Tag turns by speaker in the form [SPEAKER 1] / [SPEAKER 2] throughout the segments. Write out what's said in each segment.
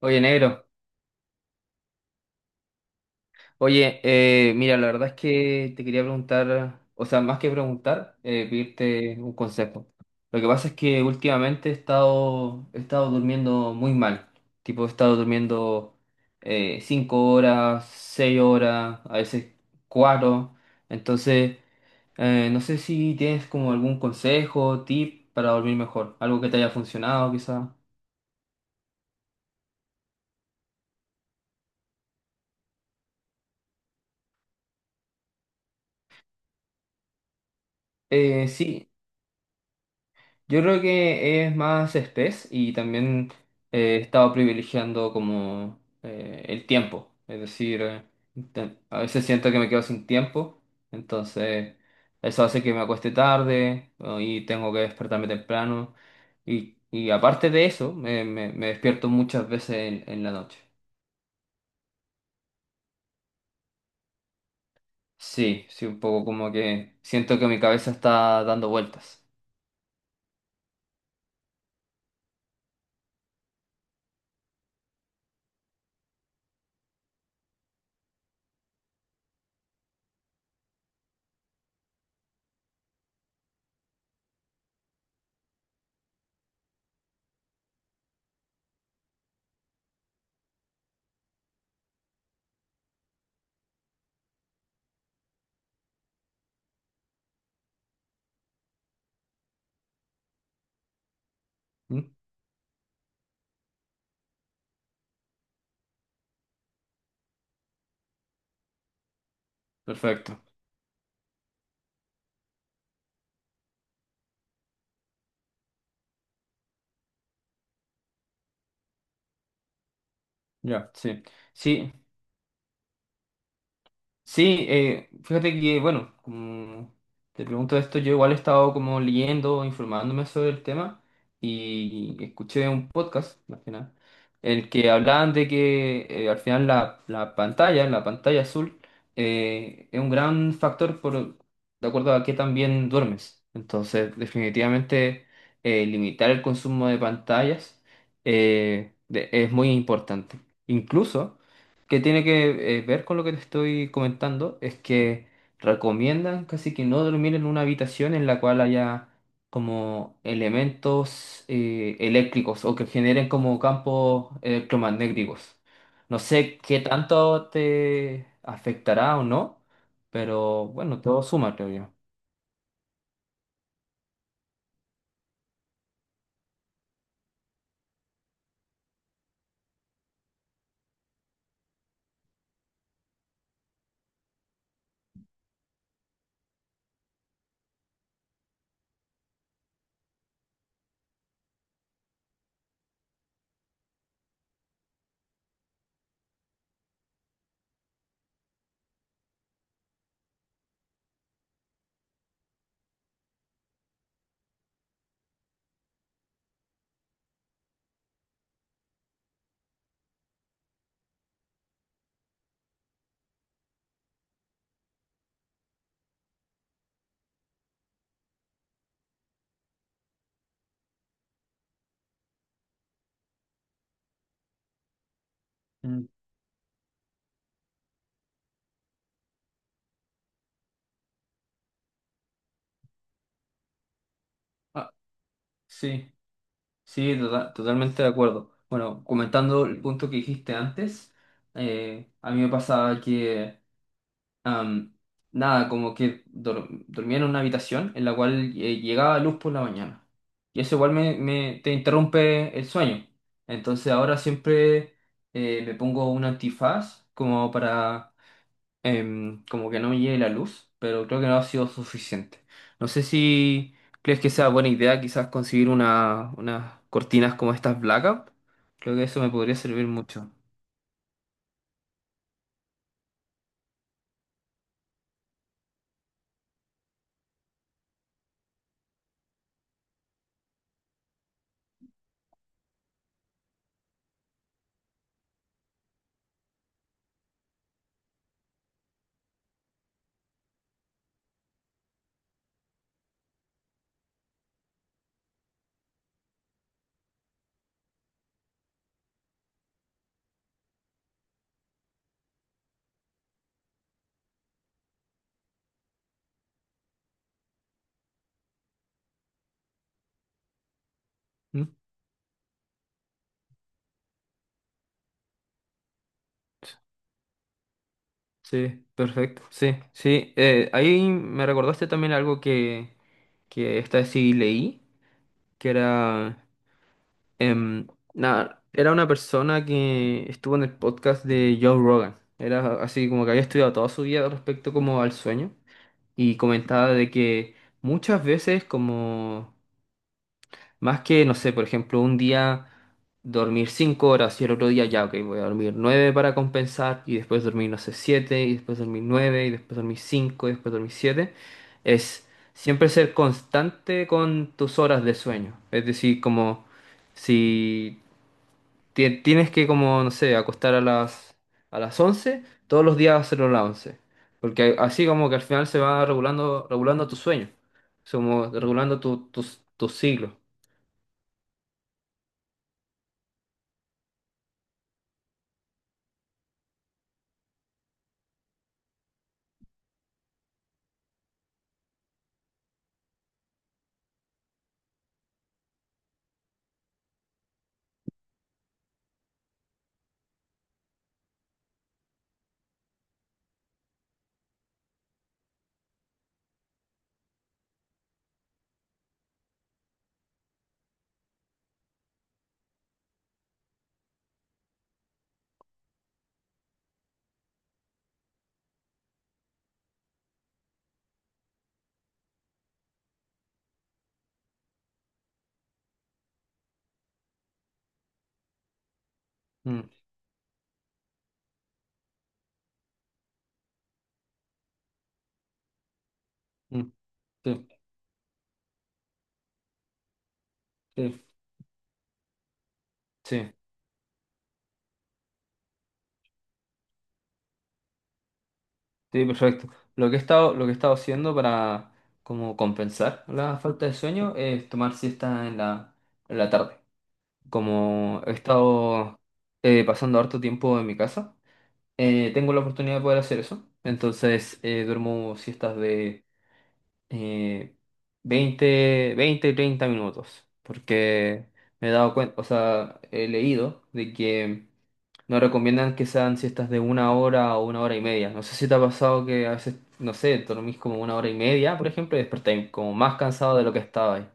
[SPEAKER 1] Oye, negro. Oye, mira, la verdad es que te quería preguntar, o sea, más que preguntar, pedirte un consejo. Lo que pasa es que últimamente he estado durmiendo muy mal. Tipo, he estado durmiendo cinco horas, seis horas, a veces cuatro. Entonces, no sé si tienes como algún consejo, tip para dormir mejor, algo que te haya funcionado, quizá. Sí, yo creo que es más espés y también he estado privilegiando como el tiempo. Es decir, a veces siento que me quedo sin tiempo, entonces eso hace que me acueste tarde, ¿no? Y tengo que despertarme temprano. Y aparte de eso, me despierto muchas veces en la noche. Sí, sí, un poco como que siento que mi cabeza está dando vueltas. ¿Mm? Perfecto. Ya, sí. Sí, sí, fíjate que, bueno, como te pregunto esto, yo igual he estado como leyendo, informándome sobre el tema y escuché un podcast, más que nada, en el que hablaban de que al final la pantalla azul, es un gran factor por, de acuerdo a qué también duermes. Entonces, definitivamente, limitar el consumo de pantallas es muy importante. Incluso que tiene que ver con lo que te estoy comentando es que recomiendan casi que no dormir en una habitación en la cual haya como elementos eléctricos o que generen como campos electromagnéticos. No sé qué tanto te afectará o no, pero bueno, todo suma, creo yo. Mm. Ah, sí, totalmente de acuerdo. Bueno, comentando el punto que dijiste antes, a mí me pasaba que Am, nada, como que dormía en una habitación en la cual llegaba luz por la mañana. Y eso igual te interrumpe el sueño. Entonces ahora siempre me pongo un antifaz como para como que no me llegue la luz, pero creo que no ha sido suficiente. No sé si crees que sea buena idea quizás conseguir unas cortinas como estas blackout. Creo que eso me podría servir mucho. ¿Mm? Sí, perfecto. Sí, sí. Ahí me recordaste también algo que esta sí leí, que era, em, nada, era una persona que estuvo en el podcast de Joe Rogan. Era así como que había estudiado toda su vida respecto como al sueño y comentaba de que muchas veces como más que, no sé, por ejemplo, un día dormir 5 horas y el otro día ya, ok, voy a dormir 9 para compensar y después dormir, no sé, siete y después dormir 9 y después dormir 5 y después dormir siete. Es siempre ser constante con tus horas de sueño. Es decir, como si tienes que, como, no sé, acostar a las once, todos los días hacerlo a las once. Porque así como que al final se va regulando, regulando tu sueño. Es como regulando tu, tus siglos. Mm, mm. Sí, sí, sí, sí, perfecto. Lo que he estado haciendo para como compensar la falta de sueño es tomar siesta en la tarde. Como he estado pasando harto tiempo en mi casa, tengo la oportunidad de poder hacer eso. Entonces duermo siestas de eh, 20 20 y 30 minutos. Porque me he dado cuenta, o sea, he leído de que no recomiendan que sean siestas de una hora o una hora y media. No sé si te ha pasado que a veces, no sé, dormís como una hora y media, por ejemplo, y despertáis como más cansado de lo que estaba ahí.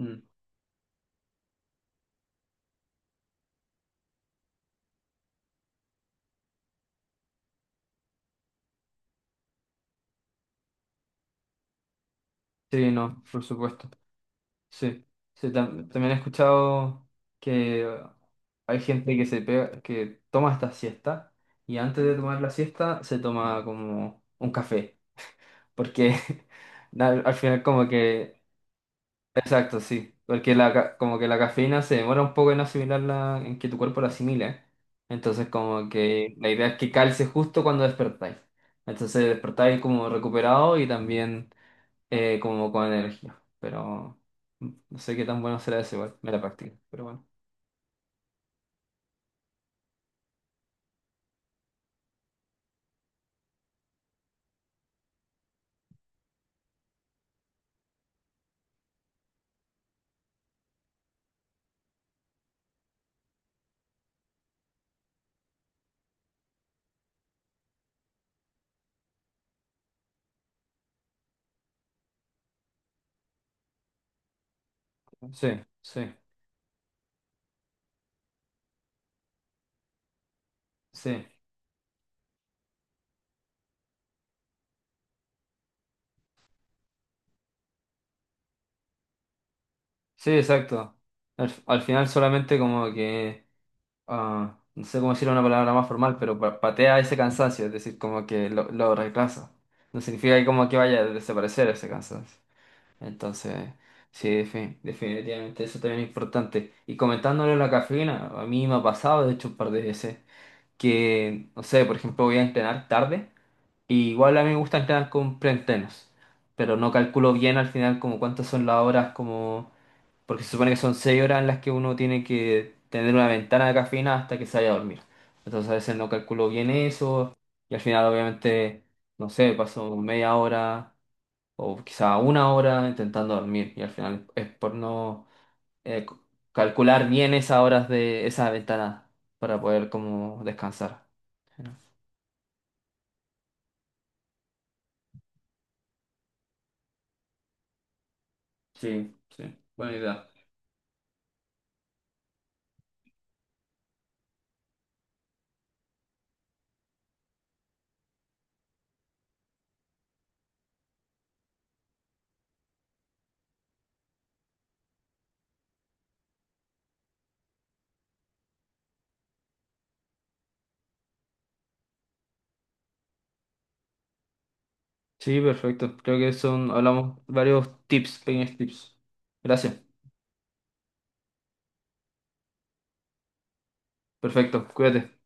[SPEAKER 1] Mm. Sí, no, por supuesto. Sí. Sí, también he escuchado que hay gente que toma esta siesta y antes de tomar la siesta se toma como un café. Porque al al final como que exacto, sí. Porque como que la cafeína se demora un poco en asimilarla, en que tu cuerpo la asimile. Entonces, como que la idea es que calce justo cuando despertáis. Entonces, despertáis como recuperado y también como con energía. Pero no sé qué tan bueno será eso igual. Me la practico. Pero bueno. Sí, sí, sí. Sí, exacto. Al final solamente como que no sé cómo decirlo en una palabra más formal, pero patea ese cansancio, es decir, como que lo reemplaza. No significa que como que vaya a desaparecer ese cansancio. Entonces, sí, definitivamente eso también es importante. Y comentándole la cafeína, a mí me ha pasado, de hecho, un par de veces, que, no sé, por ejemplo, voy a entrenar tarde, y igual a mí me gusta entrenar con preentrenos, pero no calculo bien al final como cuántas son las horas, como porque se supone que son 6 horas en las que uno tiene que tener una ventana de cafeína hasta que se vaya a dormir. Entonces a veces no calculo bien eso y al final, obviamente, no sé, paso media hora o quizá una hora intentando dormir y al final es por no eh, c- calcular bien esas horas de esa ventana para poder como descansar. Sí, sí, buena idea. Sí, perfecto. Creo que son, hablamos varios tips, pequeños tips. Gracias. Perfecto, cuídate.